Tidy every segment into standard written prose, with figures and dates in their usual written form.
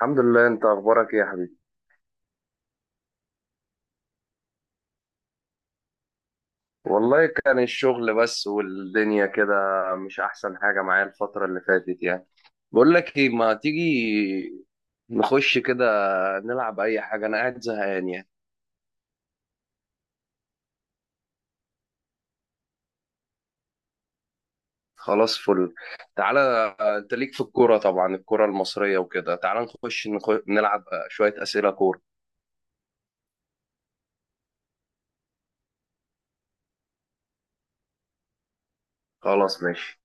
الحمد لله، انت اخبارك ايه يا حبيبي؟ والله كان الشغل بس، والدنيا كده. مش احسن حاجة معايا الفترة اللي فاتت يعني. بقول لك ايه، ما تيجي نخش كده، نلعب اي حاجة، انا قاعد زهقان يعني. خلاص، فل. تعالى. انت ليك في الكورة طبعا، الكورة المصرية وكده. تعالى نخش نلعب شوية أسئلة كورة. خلاص ماشي.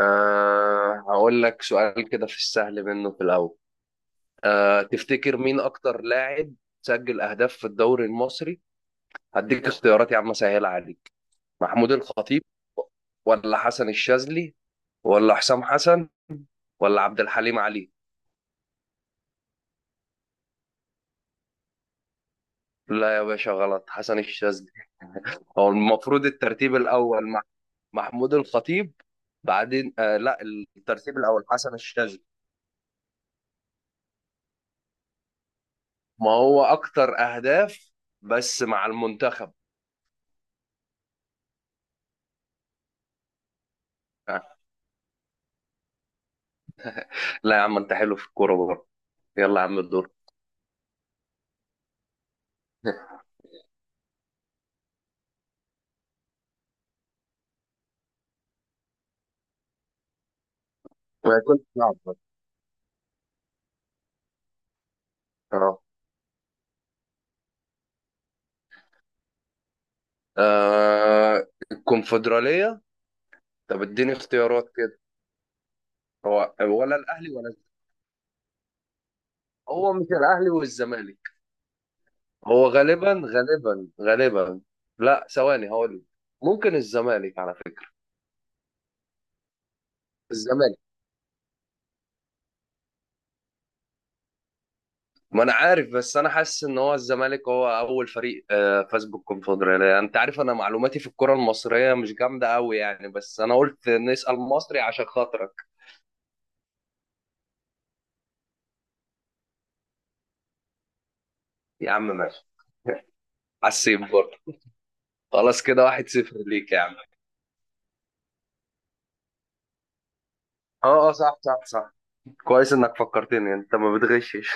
هقول لك سؤال كده، في السهل منه في الأول. تفتكر مين أكتر لاعب سجل أهداف في الدوري المصري؟ هديك اختيارات يا عم، سهلة عليك. محمود الخطيب، ولا حسن الشاذلي، ولا حسام حسن، ولا عبد الحليم علي؟ لا يا باشا، غلط. حسن الشاذلي. هو المفروض الترتيب الأول محمود الخطيب. بعدين لا، الترتيب الأول حسن الشاذلي. ما هو أكتر أهداف، بس مع المنتخب. آه. لا يا عم، أنت حلو في الكورة برضه. يلا يا عم، الدور. ما كنت صعب. اه. الكونفدرالية. طب اديني اختيارات. هو ولا الاهلي ولا الزمالك. هو مش الاهلي والزمالك؟ هو غالبا. لا، ثواني هقول لك. ممكن الزمالك على فكره. الزمالك. ما انا عارف، بس انا حاسس ان هو الزمالك هو اول فريق فاز بالكونفدراليه. انت عارف انا معلوماتي في الكره المصريه مش جامده قوي يعني، بس انا قلت نسال مصري عشان خاطرك. يا عم ماشي. حسيت برضه. خلاص كده، 1-0 ليك يا عم. اه، اه، صح، صح، صح. كويس انك فكرتني، انت ما بتغشش.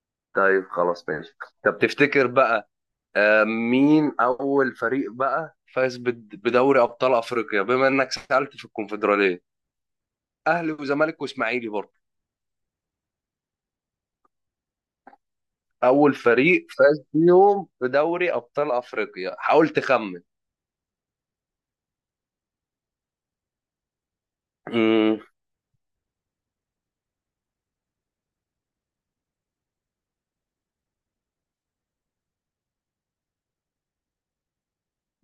طيب خلاص ماشي. طب تفتكر بقى مين أول فريق بقى فاز بدوري أبطال أفريقيا، بما إنك سألت في الكونفدرالية؟ أهلي وزمالك وإسماعيلي برضه. أول فريق فاز بيهم بدوري أبطال أفريقيا، حاولت أخمن. مم،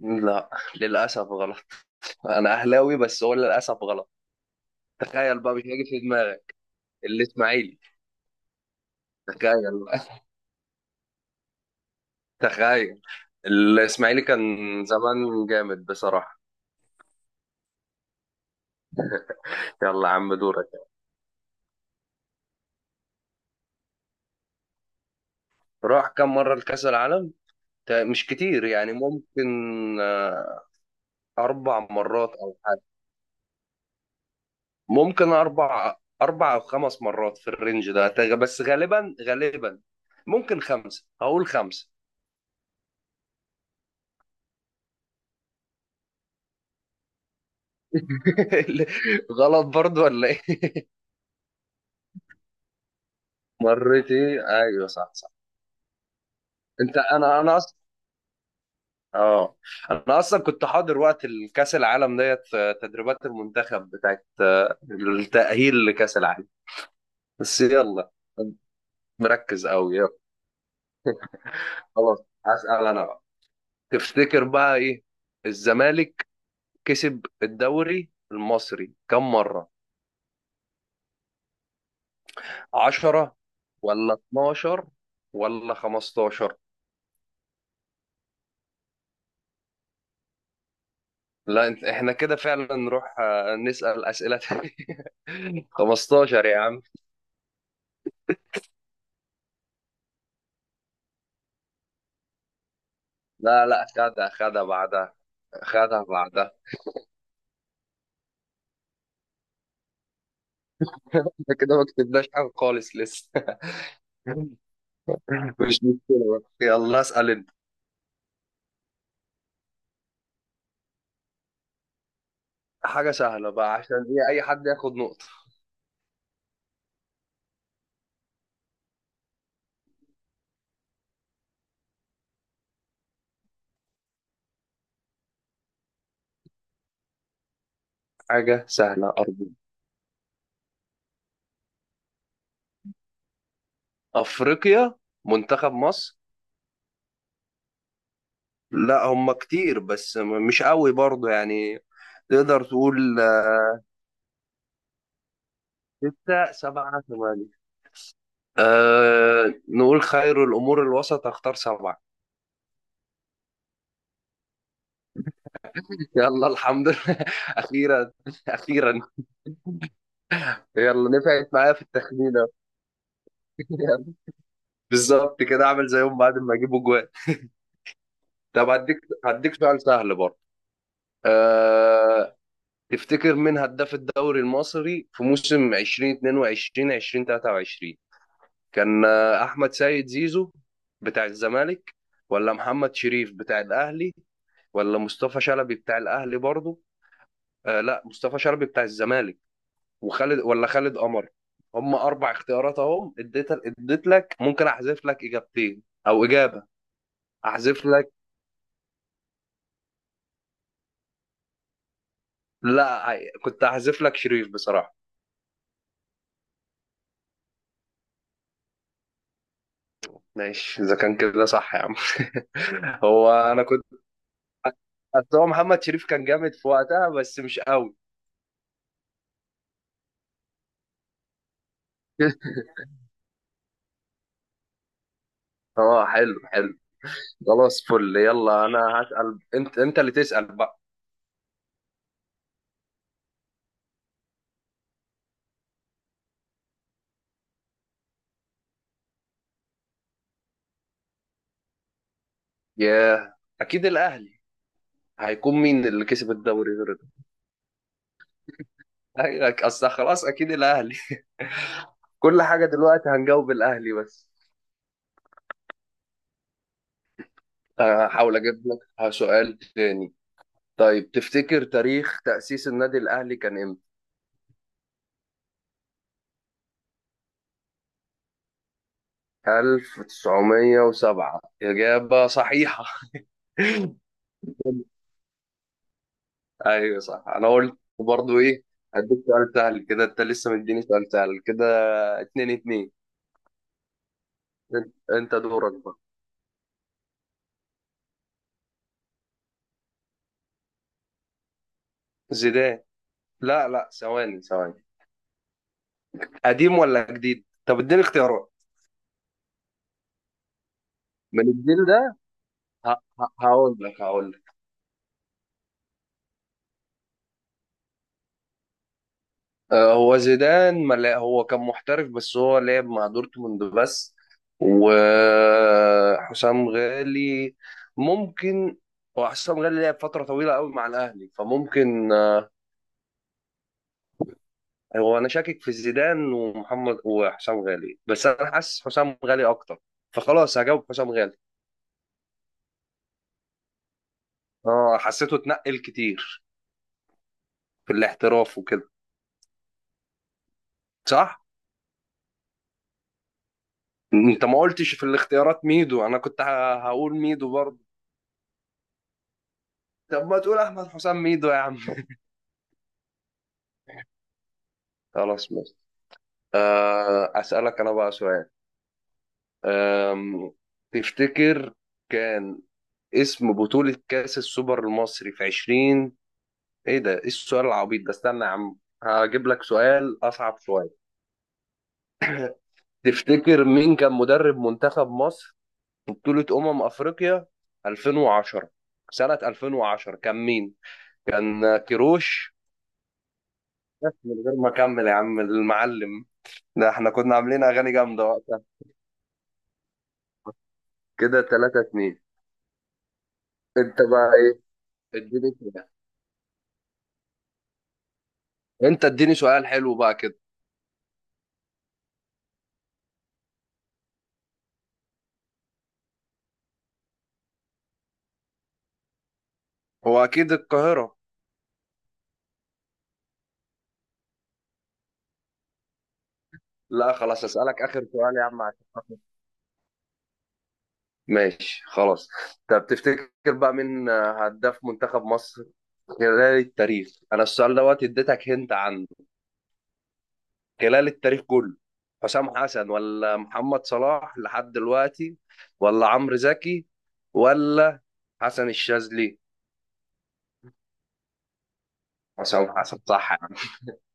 لا، للأسف غلط. أنا أهلاوي، بس هو للأسف غلط. تخيل بقى، مش هيجي في دماغك. الإسماعيلي. تخيل بقى. تخيل. الإسماعيلي كان زمان جامد بصراحة. يلا يا عم، دورك. راح كم مرة لكأس العالم؟ مش كتير يعني، ممكن آه، أربع مرات أو حاجة. ممكن أربع. أربع أو خمس مرات في الرينج ده بس غالبا. ممكن خمسة، هقول خمسة. غلط برضو ولا إيه؟ مرتي، أيوه صح صح. أنت، أنا أصلا. اه. انا اصلا كنت حاضر وقت الكاس العالم ديت، تدريبات المنتخب بتاعت التأهيل لكاس العالم. بس يلا. مركز قوي، يلا. خلاص. هسأل انا بقى. تفتكر بقى ايه، الزمالك كسب الدوري المصري كم مرة؟ عشرة، ولا اتناشر، ولا خمستاشر؟ لا احنا كده فعلا نروح نسأل أسئلة تانية. 15 يا عم. لا، لا، خدها، خدها بعدها. خدها بعدها. احنا كده ما كتبناش حاجة خالص لسه. مش مشكلة. بقى يلا اسأل انت. حاجة سهلة بقى عشان ايه اي حد ياخد نقطة. حاجة سهلة أرجوك. أفريقيا. منتخب مصر. لا، هم كتير، بس مش قوي برضو يعني. تقدر تقول ستة، سبعة، ثمانية؟ أه، نقول خير الأمور الوسط، أختار سبعة. يلا الحمد لله. أخيرا. أخيرا. يلا نفعت معايا في التخمينة. يلا. بالظبط كده، أعمل زيهم بعد ما أجيبوا جوان. طب هديك، هديك سؤال سهل برضه. أه، تفتكر مين هداف الدوري المصري في موسم 2022 2023؟ كان احمد سيد زيزو بتاع الزمالك، ولا محمد شريف بتاع الاهلي، ولا مصطفى شلبي بتاع الاهلي برضه؟ لا، مصطفى شلبي بتاع الزمالك. وخالد، ولا خالد قمر. هم اربع اختيارات اهم، اديت لك، ممكن احذف لك اجابتين او اجابه. احذف لك. لا كنت احذف لك شريف بصراحه. ماشي، اذا كان كده صح يا عم. هو انا كنت، أصل هو محمد شريف كان جامد في وقتها، بس مش قوي. اه، حلو حلو. خلاص فل، يلا انا هسأل. انت اللي تسأل بقى. ياه. اكيد الاهلي. هيكون مين اللي كسب الدوري غير ده؟ أيوة، اصل خلاص اكيد الاهلي. كل حاجة دلوقتي هنجاوب الاهلي بس. هحاول اجيب لك سؤال تاني. طيب تفتكر تاريخ تأسيس النادي الاهلي كان امتى؟ 1907 إجابة صحيحة. أيوة صح، أنا قلت برضو إيه. هديك سؤال سهل كده، أنت لسه مديني سؤال سهل كده. اتنين اتنين. أنت دورك بقى. زيدان. لا، لا، ثواني ثواني. قديم ولا جديد؟ طب اديني اختيارات. من الجيل ده. هقول لك. هو زيدان ما لا- هو كان محترف، بس هو لعب مع دورتموند بس. وحسام غالي، ممكن. هو حسام غالي لعب فترة طويلة قوي مع الأهلي، فممكن هو أنا شاكك في زيدان ومحمد وحسام غالي، بس أنا حاسس حسام غالي أكتر. فخلاص هجاوب حسام غالي. اه، حسيته اتنقل كتير في الاحتراف وكده. صح؟ انت ما قلتش في الاختيارات ميدو، انا كنت هقول ميدو برضه. طب ما تقول احمد حسام ميدو يا عم. خلاص ماشي. اسالك انا بقى سؤال. آم، تفتكر كان اسم بطولة كأس السوبر المصري في 20، ايه ده؟ ايه السؤال العبيط ده؟ استنى يا عم، هجيب لك سؤال اصعب شوية. تفتكر مين كان مدرب منتخب مصر في بطولة افريقيا 2010؟ سنة 2010 كان مين؟ كان كيروش، بس من غير ما اكمل يا عم، المعلم. ده احنا كنا عاملين اغاني جامده وقتها. كده 3-2. انت بقى ايه؟ اديني كده. انت اديني سؤال حلو بقى كده. هو اكيد القاهره. لا خلاص، اسالك اخر سؤال يا عم عشان خاطر- ماشي خلاص. طب تفتكر بقى مين هداف منتخب مصر خلال التاريخ؟ انا السؤال دوت اديتك هنت عنه. خلال التاريخ كله. حسام حسن، ولا محمد صلاح لحد دلوقتي، ولا عمرو زكي، ولا حسن الشاذلي؟ عشان صح يا عم.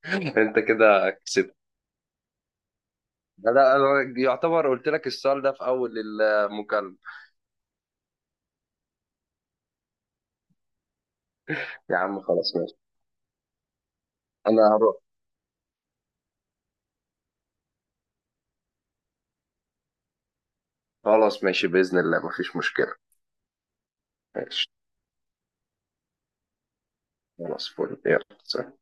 انت كده كسبت. لا، لا، انا يعتبر قلت لك السؤال ده في اول المكالمة. يا عم خلاص ماشي. انا هروح. خلاص ماشي، بإذن الله مفيش مشكلة. ماشي خلاص فل، يلا سلام.